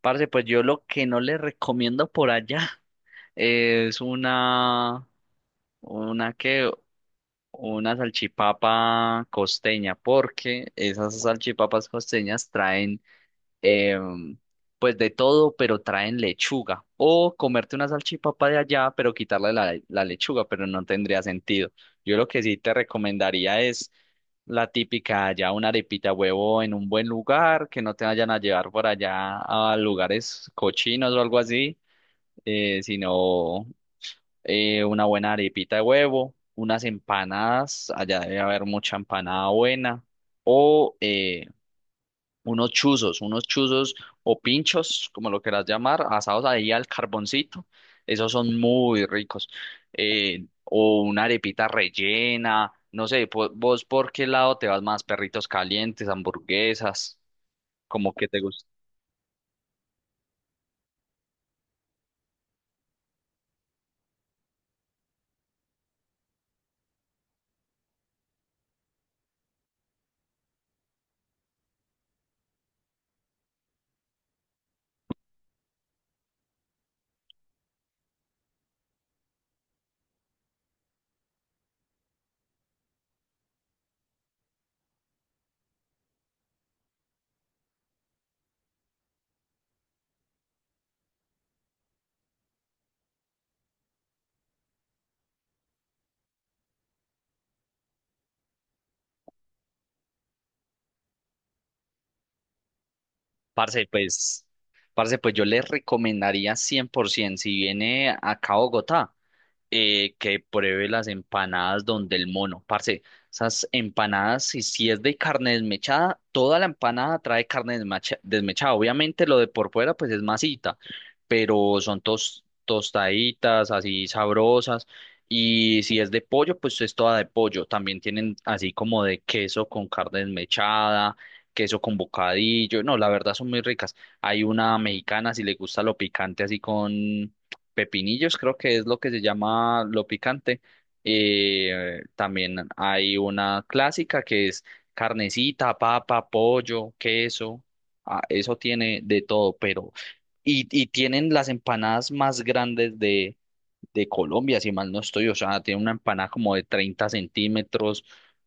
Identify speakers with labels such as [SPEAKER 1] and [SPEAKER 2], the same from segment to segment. [SPEAKER 1] Parce, pues yo lo que no le recomiendo por allá es una que, una salchipapa costeña, porque esas salchipapas costeñas traen em, pues de todo, pero traen lechuga. O comerte una salchipapa de allá, pero quitarle la lechuga, pero no tendría sentido. Yo lo que sí te recomendaría es la típica allá, una arepita de huevo en un buen lugar, que no te vayan a llevar por allá a lugares cochinos o algo así, sino una buena arepita de huevo, unas empanadas, allá debe haber mucha empanada buena, o unos chuzos o pinchos, como lo quieras llamar, asados ahí al carboncito. Esos son muy ricos. O una arepita rellena, no sé, vos por qué lado te vas más, perritos calientes, hamburguesas, como que te gusta. Parce, pues, parce, pues, yo les recomendaría 100%, si viene acá a Bogotá, que pruebe las empanadas donde el mono. Parce, esas empanadas, si es de carne desmechada, toda la empanada trae carne desmechada. Obviamente lo de por fuera pues es masita, pero son tostaditas, así sabrosas. Y si es de pollo, pues es toda de pollo. También tienen así como de queso con carne desmechada, queso con bocadillo. No, la verdad son muy ricas. Hay una mexicana, si le gusta lo picante así con pepinillos, creo que es lo que se llama lo picante. También hay una clásica que es carnecita, papa, pollo, queso. Ah, eso tiene de todo, pero. Y tienen las empanadas más grandes de Colombia, si mal no estoy. O sea, tiene una empanada como de 30 centímetros,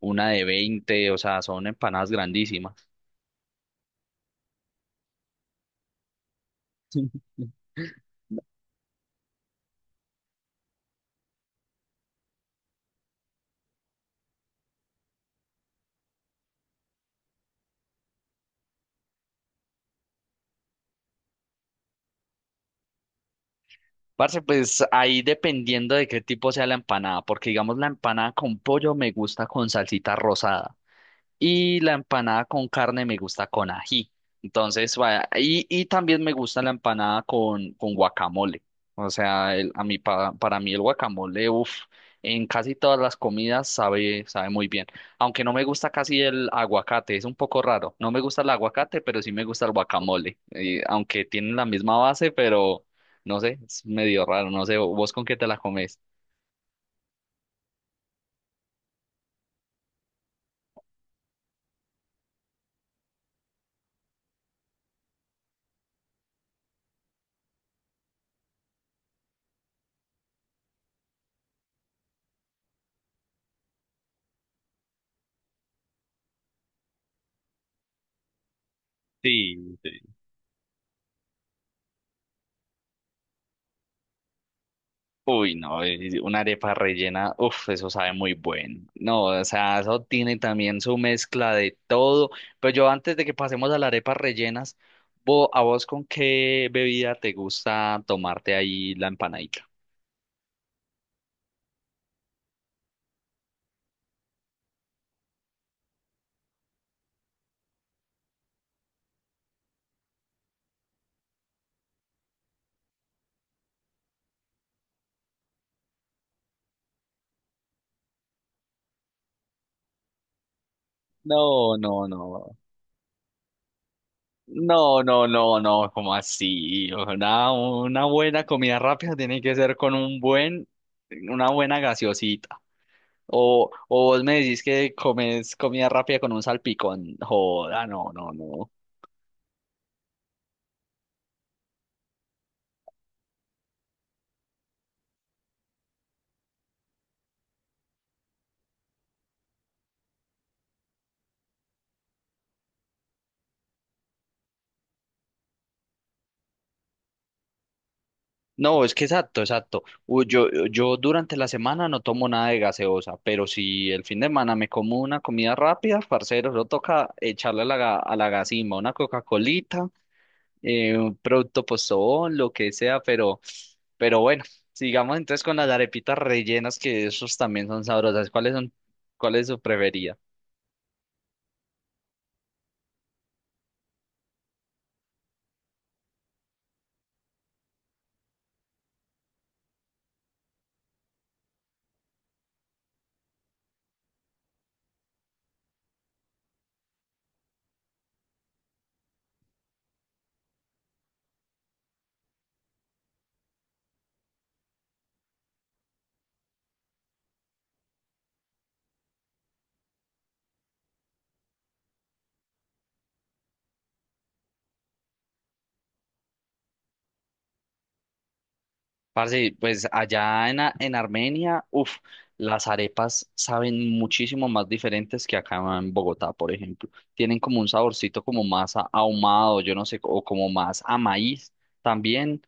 [SPEAKER 1] una de veinte. O sea, son empanadas grandísimas. Parce, pues ahí dependiendo de qué tipo sea la empanada, porque digamos la empanada con pollo me gusta con salsita rosada. Y la empanada con carne me gusta con ají. Entonces, vaya, y también me gusta la empanada con guacamole. O sea, a mí, para mí el guacamole, uff, en casi todas las comidas sabe muy bien. Aunque no me gusta casi el aguacate, es un poco raro. No me gusta el aguacate, pero sí me gusta el guacamole. Y aunque tienen la misma base, pero no sé, es medio raro. No sé, ¿vos con qué te la comes? Sí, sí. Uy, no, y una arepa rellena, uff, eso sabe muy bueno. No, o sea, eso tiene también su mezcla de todo. Pero yo antes de que pasemos a las arepas rellenas, ¿a vos con qué bebida te gusta tomarte ahí la empanadita? No, no, no. No, no, no, no, ¿como así? Una buena comida rápida tiene que ser con un buen, una buena gaseosita. O vos me decís que comes comida rápida con un salpicón. Joda, no, no, no. No, es que exacto, exacto. Yo durante la semana no tomo nada de gaseosa, pero si el fin de semana me como una comida rápida, parcero, no toca echarle a la gasima una Coca-Colita, un producto postobón, lo que sea, pero bueno, sigamos entonces con las arepitas rellenas, que esos también son sabrosas. ¿Cuál es su preferida? Parce, pues allá en Armenia, uff, las arepas saben muchísimo más diferentes que acá en Bogotá, por ejemplo. Tienen como un saborcito como más ahumado, yo no sé, o como más a maíz también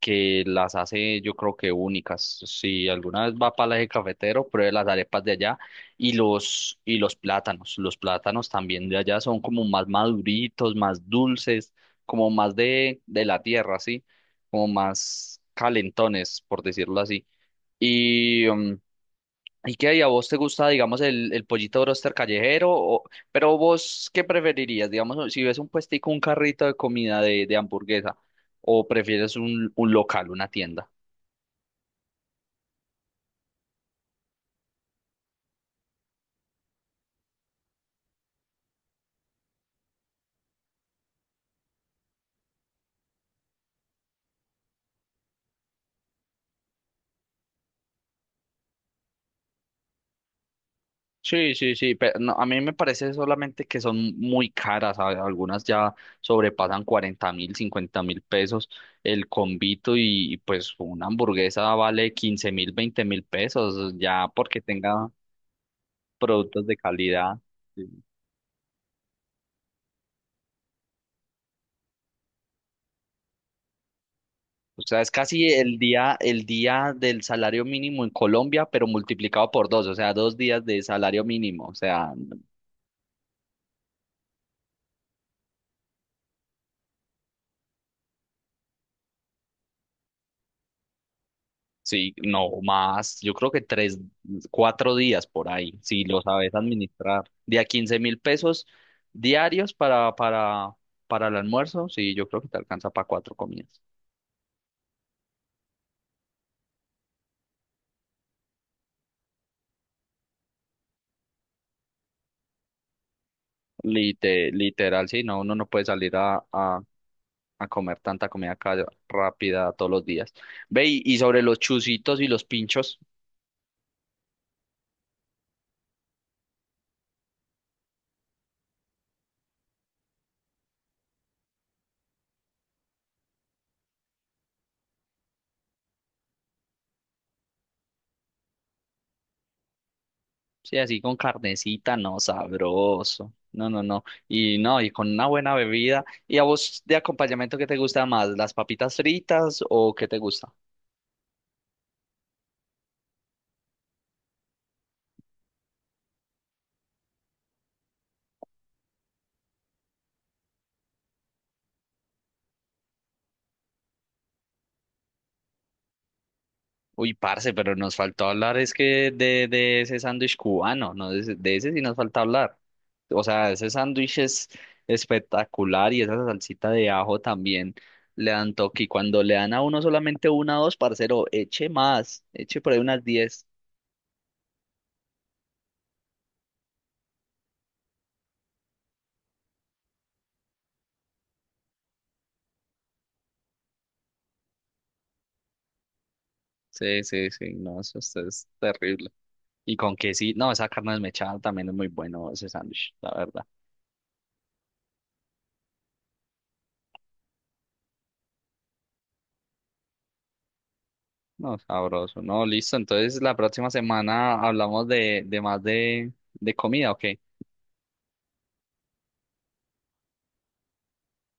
[SPEAKER 1] que las hace yo creo que únicas. Si alguna vez va para el eje cafetero, pruebe las arepas de allá y los plátanos. Los plátanos también de allá son como más maduritos, más dulces, como más de la tierra, ¿sí? Como más calentones, por decirlo así. Y, mm, ¿Y qué? ¿Y a vos te gusta, digamos, el pollito broster callejero? Pero vos, ¿qué preferirías? Digamos, si ves un puestico, un carrito de comida de hamburguesa, o prefieres un local, una tienda. Sí, sí, sí, pero no, a mí me parece solamente que son muy caras, algunas ya sobrepasan 40 mil, 50 mil pesos el combito pues una hamburguesa vale 15 mil, 20 mil pesos, ya porque tenga productos de calidad. Sí. O sea, es casi el día del salario mínimo en Colombia, pero multiplicado por dos, o sea, dos días de salario mínimo. O sea, sí, no más, yo creo que tres, cuatro días por ahí, si lo sabes administrar. De a 15 mil pesos diarios para el almuerzo, sí, yo creo que te alcanza para cuatro comidas. Literal, sí, no, uno no puede salir a comer tanta comida rápida todos los días. Ve, y sobre los chuzitos y los pinchos. Sí, así con carnecita, no, sabroso. No, no, no. Y no, y con una buena bebida. ¿Y a vos de acompañamiento qué te gusta más? ¿Las papitas fritas o qué te gusta? Uy, parce, pero nos faltó hablar es que de ese sándwich cubano, ¿no? De ese sí nos falta hablar. O sea, ese sándwich es espectacular y esa salsita de ajo también le dan toque. Y cuando le dan a uno solamente una o dos, parcero, eche más, eche por ahí unas diez. Sí, sí, sí, no, eso es terrible. Y con que sí, no, esa carne desmechada también es muy bueno ese sándwich, la verdad. No, sabroso. No, listo. Entonces la próxima semana hablamos de más de comida, ¿ok?